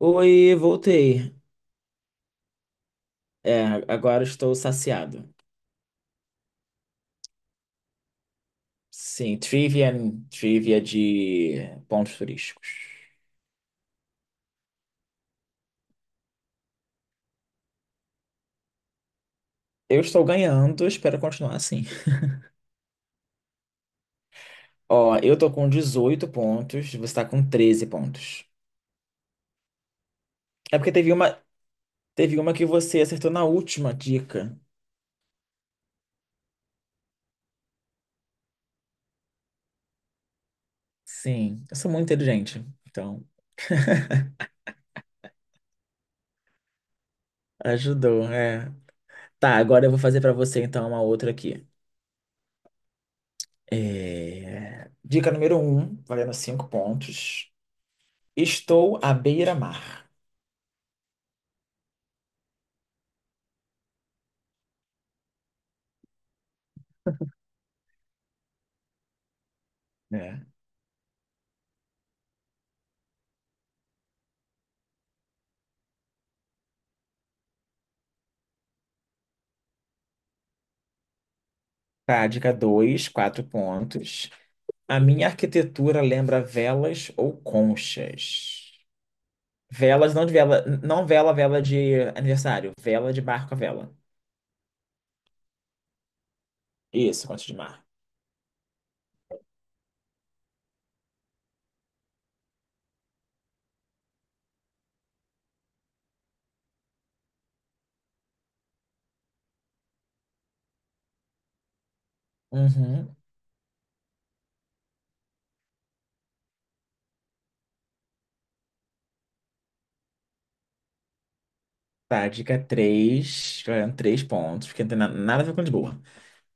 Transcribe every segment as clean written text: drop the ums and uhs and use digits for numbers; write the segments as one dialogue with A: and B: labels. A: Oi, voltei. É, agora estou saciado. Sim, trivia de pontos turísticos. Eu estou ganhando, espero continuar assim. Ó, eu tô com 18 pontos, você tá com 13 pontos. É porque teve uma que você acertou na última dica. Sim, eu sou muito inteligente, então ajudou, é. Tá, agora eu vou fazer pra você então uma outra aqui. É, dica número um, valendo 5 pontos. Estou à beira-mar. É. Tá, 2, quatro pontos. A minha arquitetura lembra velas ou conchas? Velas, não de vela, não vela, vela de aniversário, vela de barco a vela. Isso, concha de mar. Uhum. Tá, dica 3, ganhando 3 pontos, porque não tem nada a ver com Lisboa.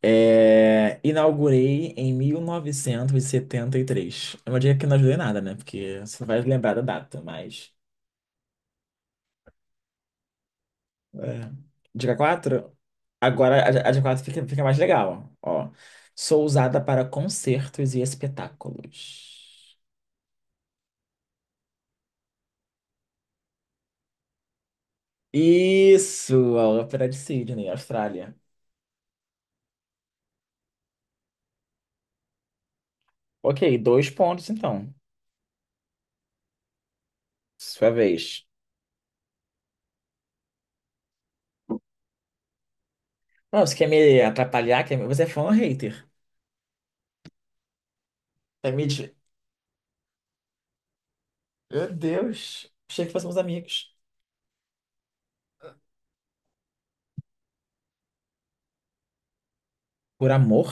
A: É, inaugurei em 1973. É uma dica que não ajudei nada, né? Porque você não vai lembrar da data, mas. É. Dica 4? Agora a dica 4 fica mais legal. Ó. Sou usada para concertos e espetáculos. Isso! A Ópera de Sydney, Austrália. Ok, dois pontos então. Sua vez. Não, você quer me atrapalhar? Quer me... Você é fã ou hater? Quer me... des- Meu Deus! Achei que fôssemos amigos. Por amor?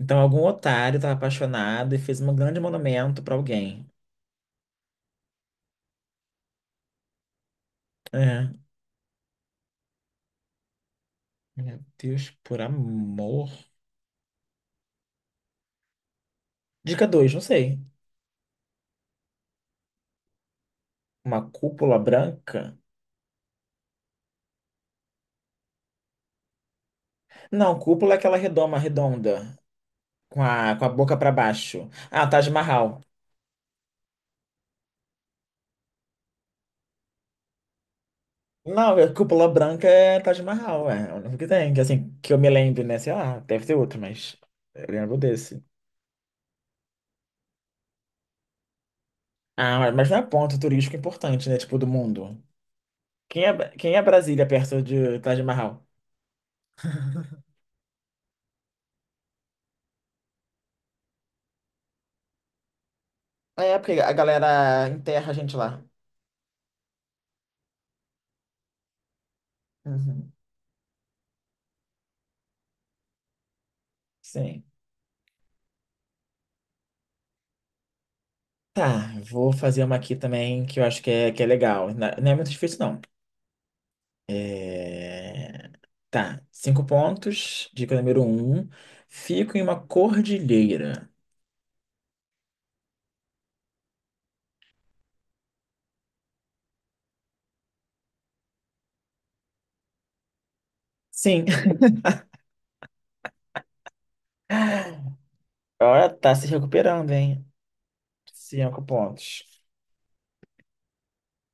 A: Então algum otário estava apaixonado e fez um grande monumento para alguém. É. Meu Deus, por amor. Dica 2, não sei. Uma cúpula branca? Não, cúpula é aquela redoma, redonda, com a boca para baixo. Ah, Taj Mahal. Não, é cúpula branca é Taj Mahal, é. O único que tem, que assim, que eu me lembre, né? Sei lá, deve ter outro, mas eu lembro desse. Ah, mas não é ponto turístico importante, né? Tipo, do mundo. Quem é Brasília perto de Taj Mahal? É, porque a galera enterra a gente lá. Uhum, sim. Tá, vou fazer uma aqui também que eu acho que é legal. Não é muito difícil, não. É, tá, cinco pontos. Dica número um. Fico em uma cordilheira. Sim. Agora tá se recuperando, hein? Cinco pontos.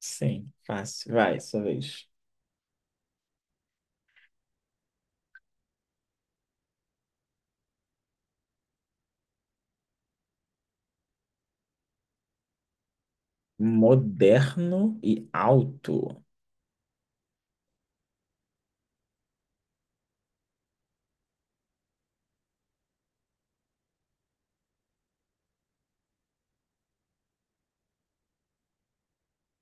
A: Sim, fácil. Vai, sua vez. Moderno e alto.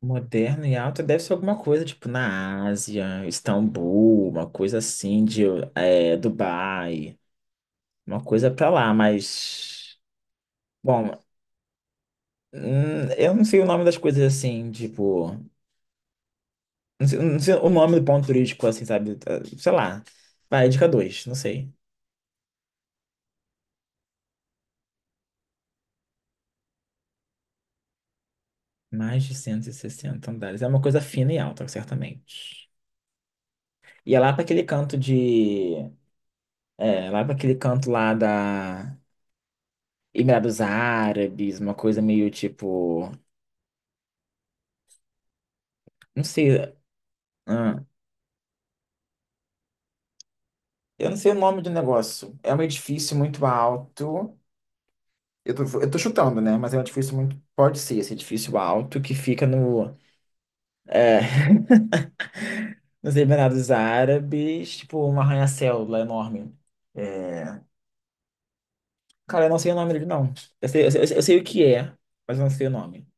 A: Moderno e alto deve ser alguma coisa, tipo, na Ásia, Istambul, uma coisa assim de Dubai. Uma coisa pra lá, mas. Bom, eu não sei o nome das coisas assim, tipo. Não sei, não sei o nome do ponto turístico, assim, sabe? Sei lá. Vai, dica 2, não sei. Mais de 160 andares. É uma coisa fina e alta, certamente. E é lá para aquele canto de. É, lá para aquele canto lá da. Emirados Árabes, uma coisa meio tipo. Não sei. ah, eu não sei o nome do negócio. É um edifício muito alto. Eu tô chutando, né? Mas é um edifício muito. Pode ser esse edifício alto que fica no. É, nos Emirados Árabes, tipo, um arranha-céu lá enorme. É, cara, eu não sei o nome dele, não. Eu sei, eu sei, eu sei o que é, mas eu não sei o nome.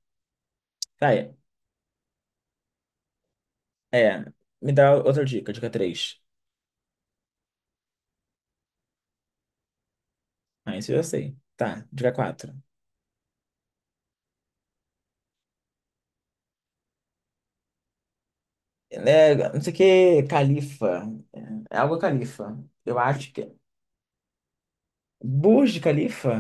A: Tá, é. É. Me dá outra dica, dica três. Ah, isso eu sei. Tá, dica quatro. É, não sei o que, Califa. É é algo Califa. Eu acho que é Burj Khalifa?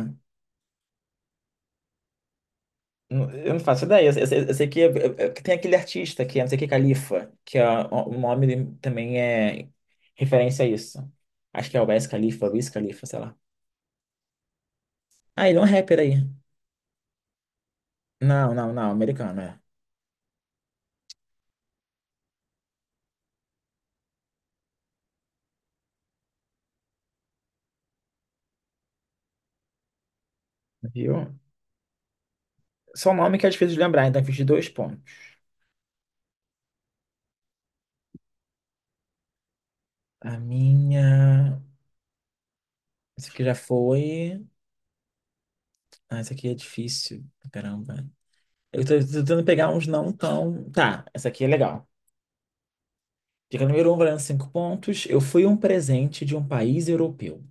A: Não, eu não faço ideia. Eu sei que, que tem aquele artista que é não sei o que, Califa, que é, o nome dele também é referência a isso. Acho que é o Wiz Khalifa, Wiz Khalifa, sei lá. Ah, ele é um rapper aí. Não, não, não, americano, é. Viu? Só o nome que é difícil de lembrar, então eu fiz de dois pontos. A minha. Esse aqui já foi. Ah, esse aqui é difícil. Caramba. Eu tô tentando pegar uns não tão. Tá, essa aqui é legal. Dica número um, valendo cinco pontos. Eu fui um presente de um país europeu.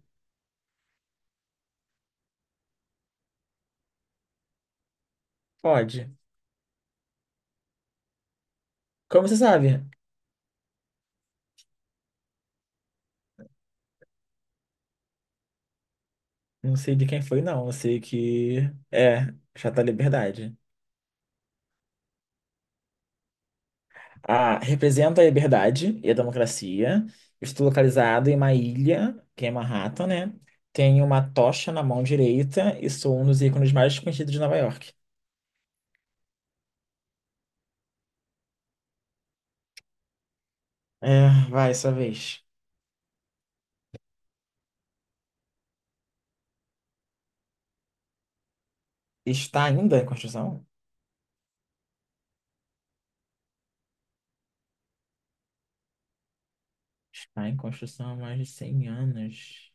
A: Pode. Como você sabe? Não sei de quem foi, não. Eu sei que é Chata Liberdade. Ah, representa a liberdade e a democracia. Estou localizado em uma ilha, que é Manhattan, né? Tenho uma tocha na mão direita e sou um dos ícones mais conhecidos de Nova York. É, vai, sua vez. Está ainda em construção? Está em construção há mais de 100 anos.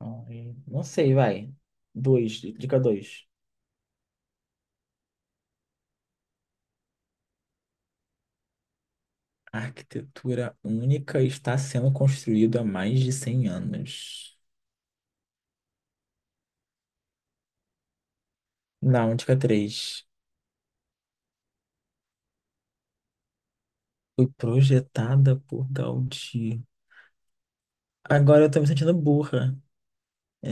A: Ai, não sei, vai. Dois, dica dois. A arquitetura única está sendo construída há mais de 100 anos. Não, dica três. Foi projetada por Gaudí. Agora eu tô me sentindo burra. É,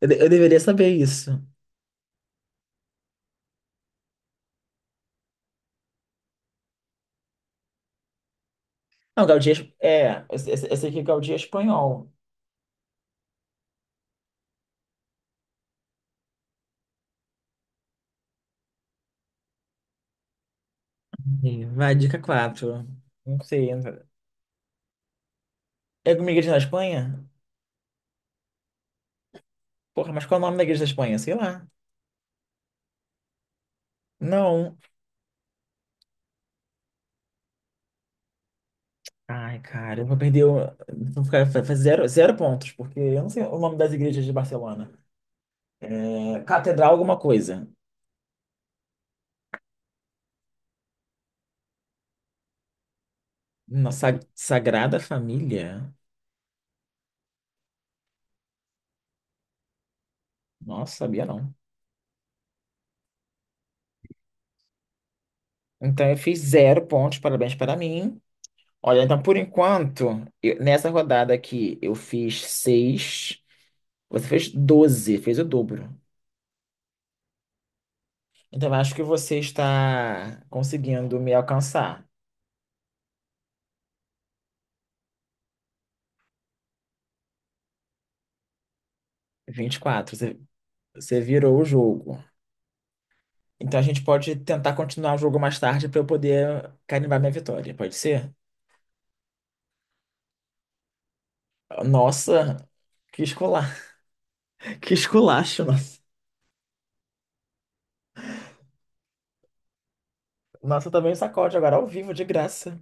A: eu deveria saber isso. Não, Gaudí é, Eu, se- eu sei que Gaudí é espanhol. E vai, dica quatro. Não sei ainda. É alguma igreja na Espanha? Porra, mas qual é o nome da igreja da Espanha? Sei lá. Não. Ai, cara, eu vou perder. Vou ficar, vai fazer zero, zero pontos, porque eu não sei o nome das igrejas de Barcelona. É, catedral é alguma coisa. Nossa, Sagrada Família? Nossa, sabia não. Então eu fiz zero pontos, parabéns para mim. Olha, então por enquanto, nessa rodada aqui eu fiz seis, você fez doze, fez o dobro. Então eu acho que você está conseguindo me alcançar. 24, você virou o jogo. Então a gente pode tentar continuar o jogo mais tarde para eu poder carimbar minha vitória, pode ser? Nossa, que escola, que esculacho, nossa. Nossa, eu também um sacode agora ao vivo, de graça.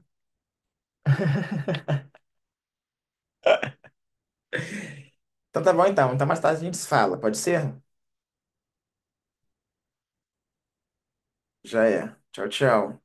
A: Então tá bom então. Então mais tarde a gente se fala, pode ser? Já é. Tchau, tchau.